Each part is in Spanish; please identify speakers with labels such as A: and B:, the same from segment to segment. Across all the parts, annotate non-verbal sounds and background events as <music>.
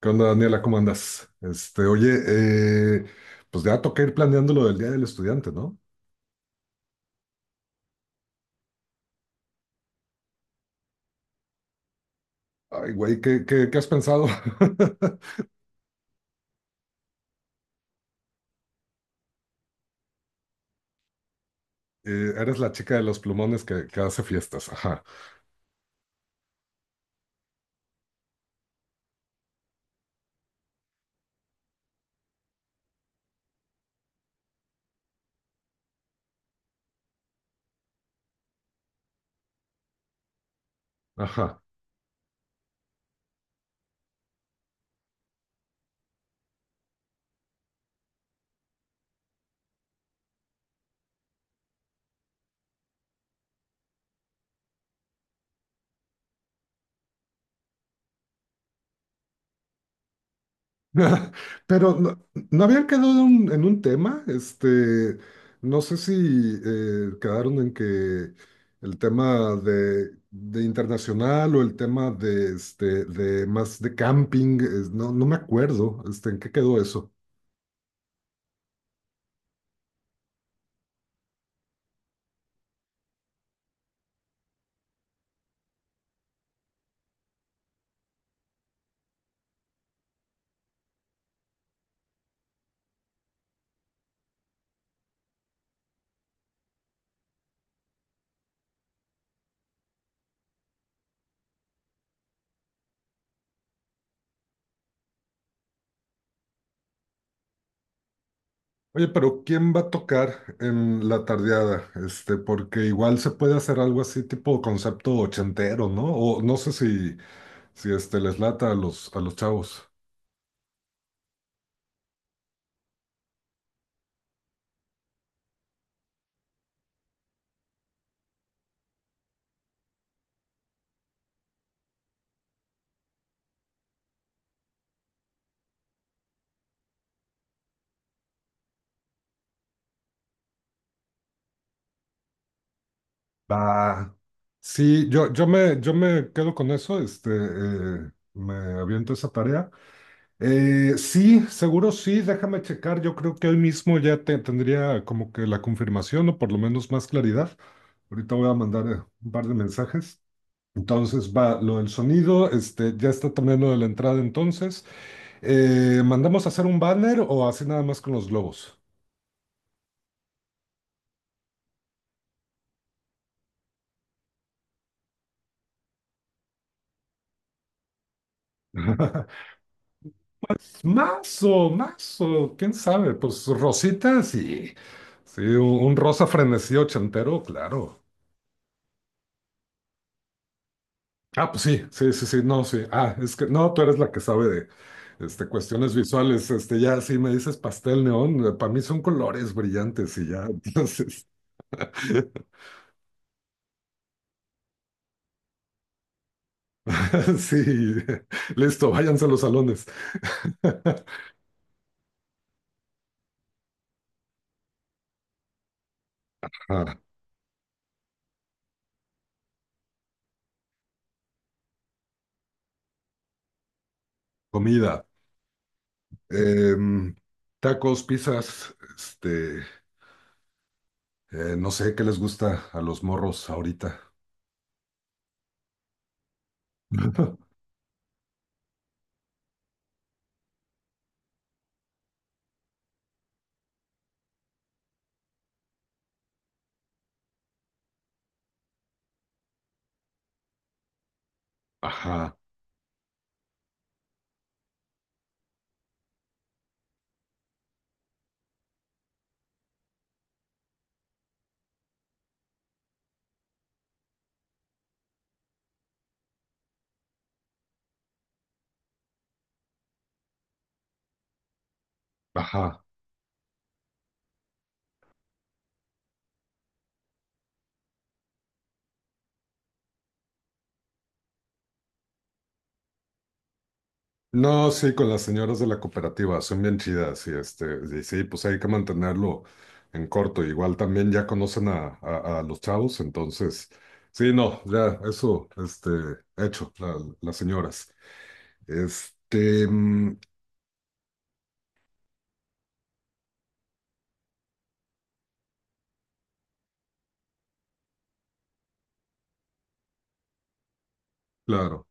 A: ¿Qué onda, Daniela? ¿Cómo andas? Oye, eh, pues ya toca ir planeando lo del Día del Estudiante, ¿no? Ay, güey, ¿Qué has pensado? <laughs> Eres la chica de los plumones que hace fiestas. Ajá, ajá. <laughs> Pero no habían quedado en un tema, no sé si quedaron en que el tema de internacional o el tema de, de más de camping, no me acuerdo, ¿en qué quedó eso? Oye, pero ¿quién va a tocar en la tardeada? Porque igual se puede hacer algo así tipo concepto ochentero, ¿no? O no sé si les lata a los chavos. Va. Sí, yo me quedo con eso, me aviento esa tarea. Sí, seguro sí, déjame checar. Yo creo que hoy mismo ya tendría como que la confirmación o por lo menos más claridad. Ahorita voy a mandar un par de mensajes. Entonces va lo del sonido, ya está también lo de la entrada entonces. ¿Mandamos a hacer un banner o así nada más con los globos? <laughs> Mazo, mazo, quién sabe, pues rositas y sí, un rosa frenesí ochentero, claro. Ah, pues sí, sí, sí, sí, no, sí. Ah, es que no, tú eres la que sabe de cuestiones visuales. Ya, sí, me dices pastel neón, para mí son colores brillantes y ya, <laughs> entonces. <laughs> Sí, listo, váyanse a los salones. <laughs> Ajá, comida, em, tacos, pizzas, no sé qué les gusta a los morros ahorita. <laughs> Ajá, ajá. No, sí, con las señoras de la cooperativa, son bien chidas y y sí, pues hay que mantenerlo en corto. Igual también ya conocen a los chavos, entonces, sí, no, ya, eso, hecho, las señoras. Mm, claro.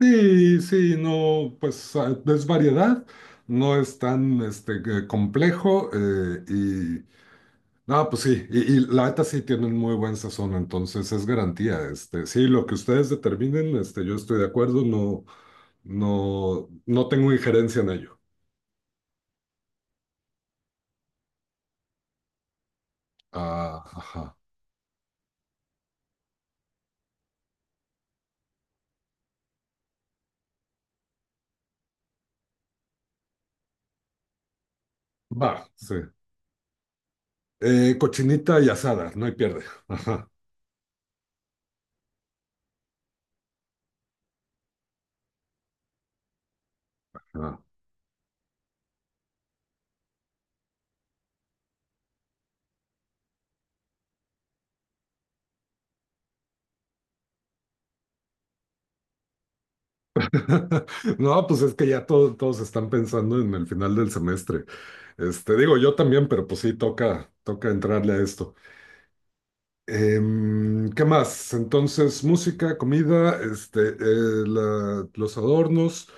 A: Sí, sí, no, pues ah, es variedad, no es tan que complejo y, no, pues sí, y la neta sí tienen muy buen sazón, entonces es garantía, sí, lo que ustedes determinen, yo estoy de acuerdo, no, no, no tengo injerencia en ello. Ah, ajá, va, sí. Cochinita y asada, no hay pierde. <laughs> Ajá. <laughs> No, pues es que ya todos están pensando en el final del semestre. Digo, yo también, pero pues sí, toca entrarle a esto. ¿Qué más? Entonces, música, comida, los adornos.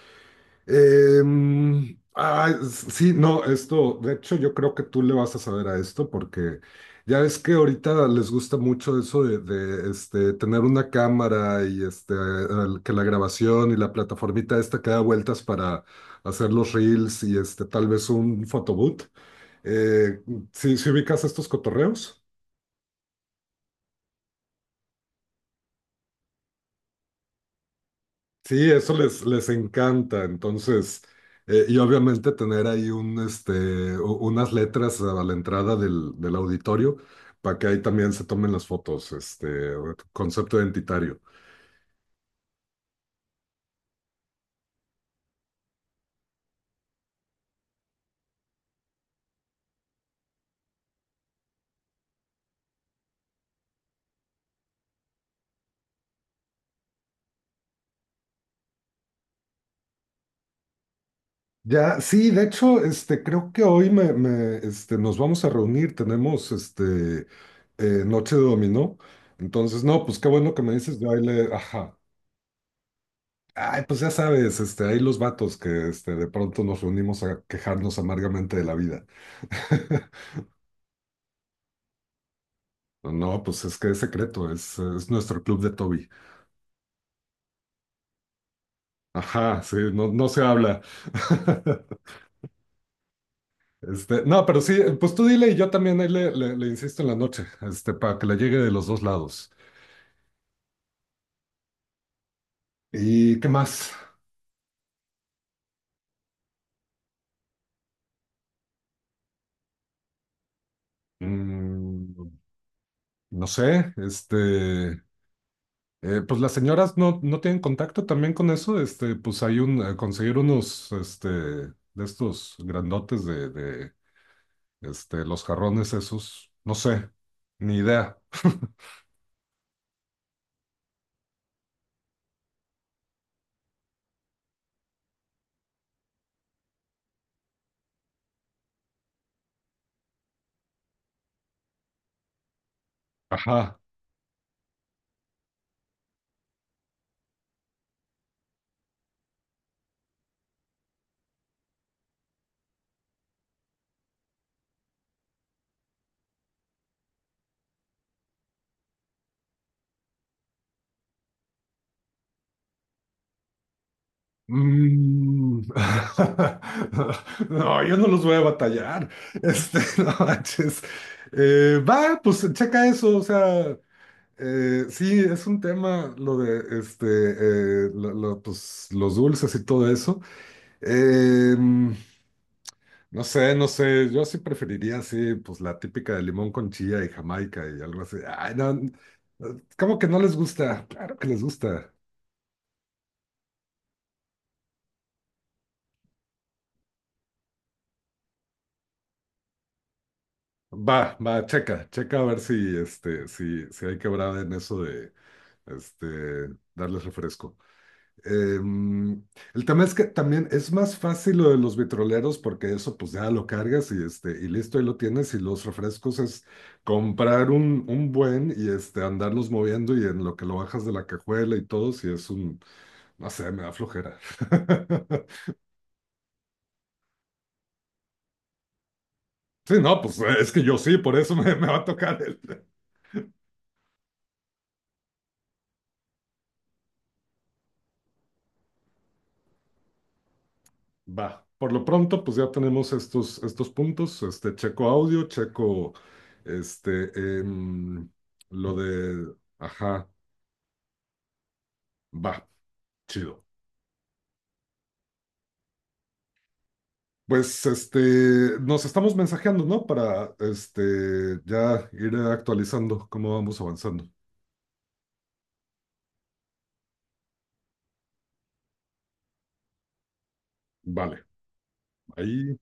A: Ah, sí, no, esto, de hecho yo creo que tú le vas a saber a esto porque ya ves que ahorita les gusta mucho eso tener una cámara y que la grabación y la plataformita esta que da vueltas para hacer los reels y tal vez un photobooth. Eh, ¿sí ubicas estos cotorreos? Sí, eso les encanta. Entonces, y obviamente tener ahí unas letras a la entrada del auditorio para que ahí también se tomen las fotos, concepto identitario. Ya, sí, de hecho, creo que hoy nos vamos a reunir, tenemos Noche de Dominó, entonces, no, pues qué bueno que me dices, yo ahí le, ajá. Ay, pues ya sabes, hay los vatos que de pronto nos reunimos a quejarnos amargamente de la vida. <laughs> No, pues es que es secreto, es nuestro club de Toby. Ajá, sí, no se habla. <laughs> No, pero sí, pues tú dile y yo también ahí le insisto en la noche, para que le llegue de los dos lados. ¿Y qué más? Mm, no sé. Pues las señoras no tienen contacto también con eso. Pues hay conseguir unos, de estos grandotes los jarrones esos. No sé, ni idea. Ajá. Mm. <laughs> No, yo no los voy a batallar. <laughs> No manches. Va, pues checa eso. O sea, sí, es un tema lo de lo, pues, los dulces y todo eso. Em, no sé, yo sí preferiría, así, pues la típica de limón con chía y Jamaica y algo así. Ay, no, ¿cómo que no les gusta? Claro que les gusta. Va, va, checa, checa a ver si, si hay quebrada en eso de, este, darles refresco. Em, el tema es que también es más fácil lo de los vitroleros porque eso pues ya lo cargas y, y listo, ahí lo tienes y los refrescos es comprar un buen y andarlos moviendo y en lo que lo bajas de la cajuela y todo, si es un, no sé, me da flojera. <laughs> Sí, no, pues es que yo sí, por eso me va a tocar el... <laughs> Va, por lo pronto pues ya tenemos estos puntos, checo audio, checo, este, em, lo de, ajá. Va, chido. Pues nos estamos mensajeando, ¿no? Para ya ir actualizando cómo vamos avanzando. Vale, ahí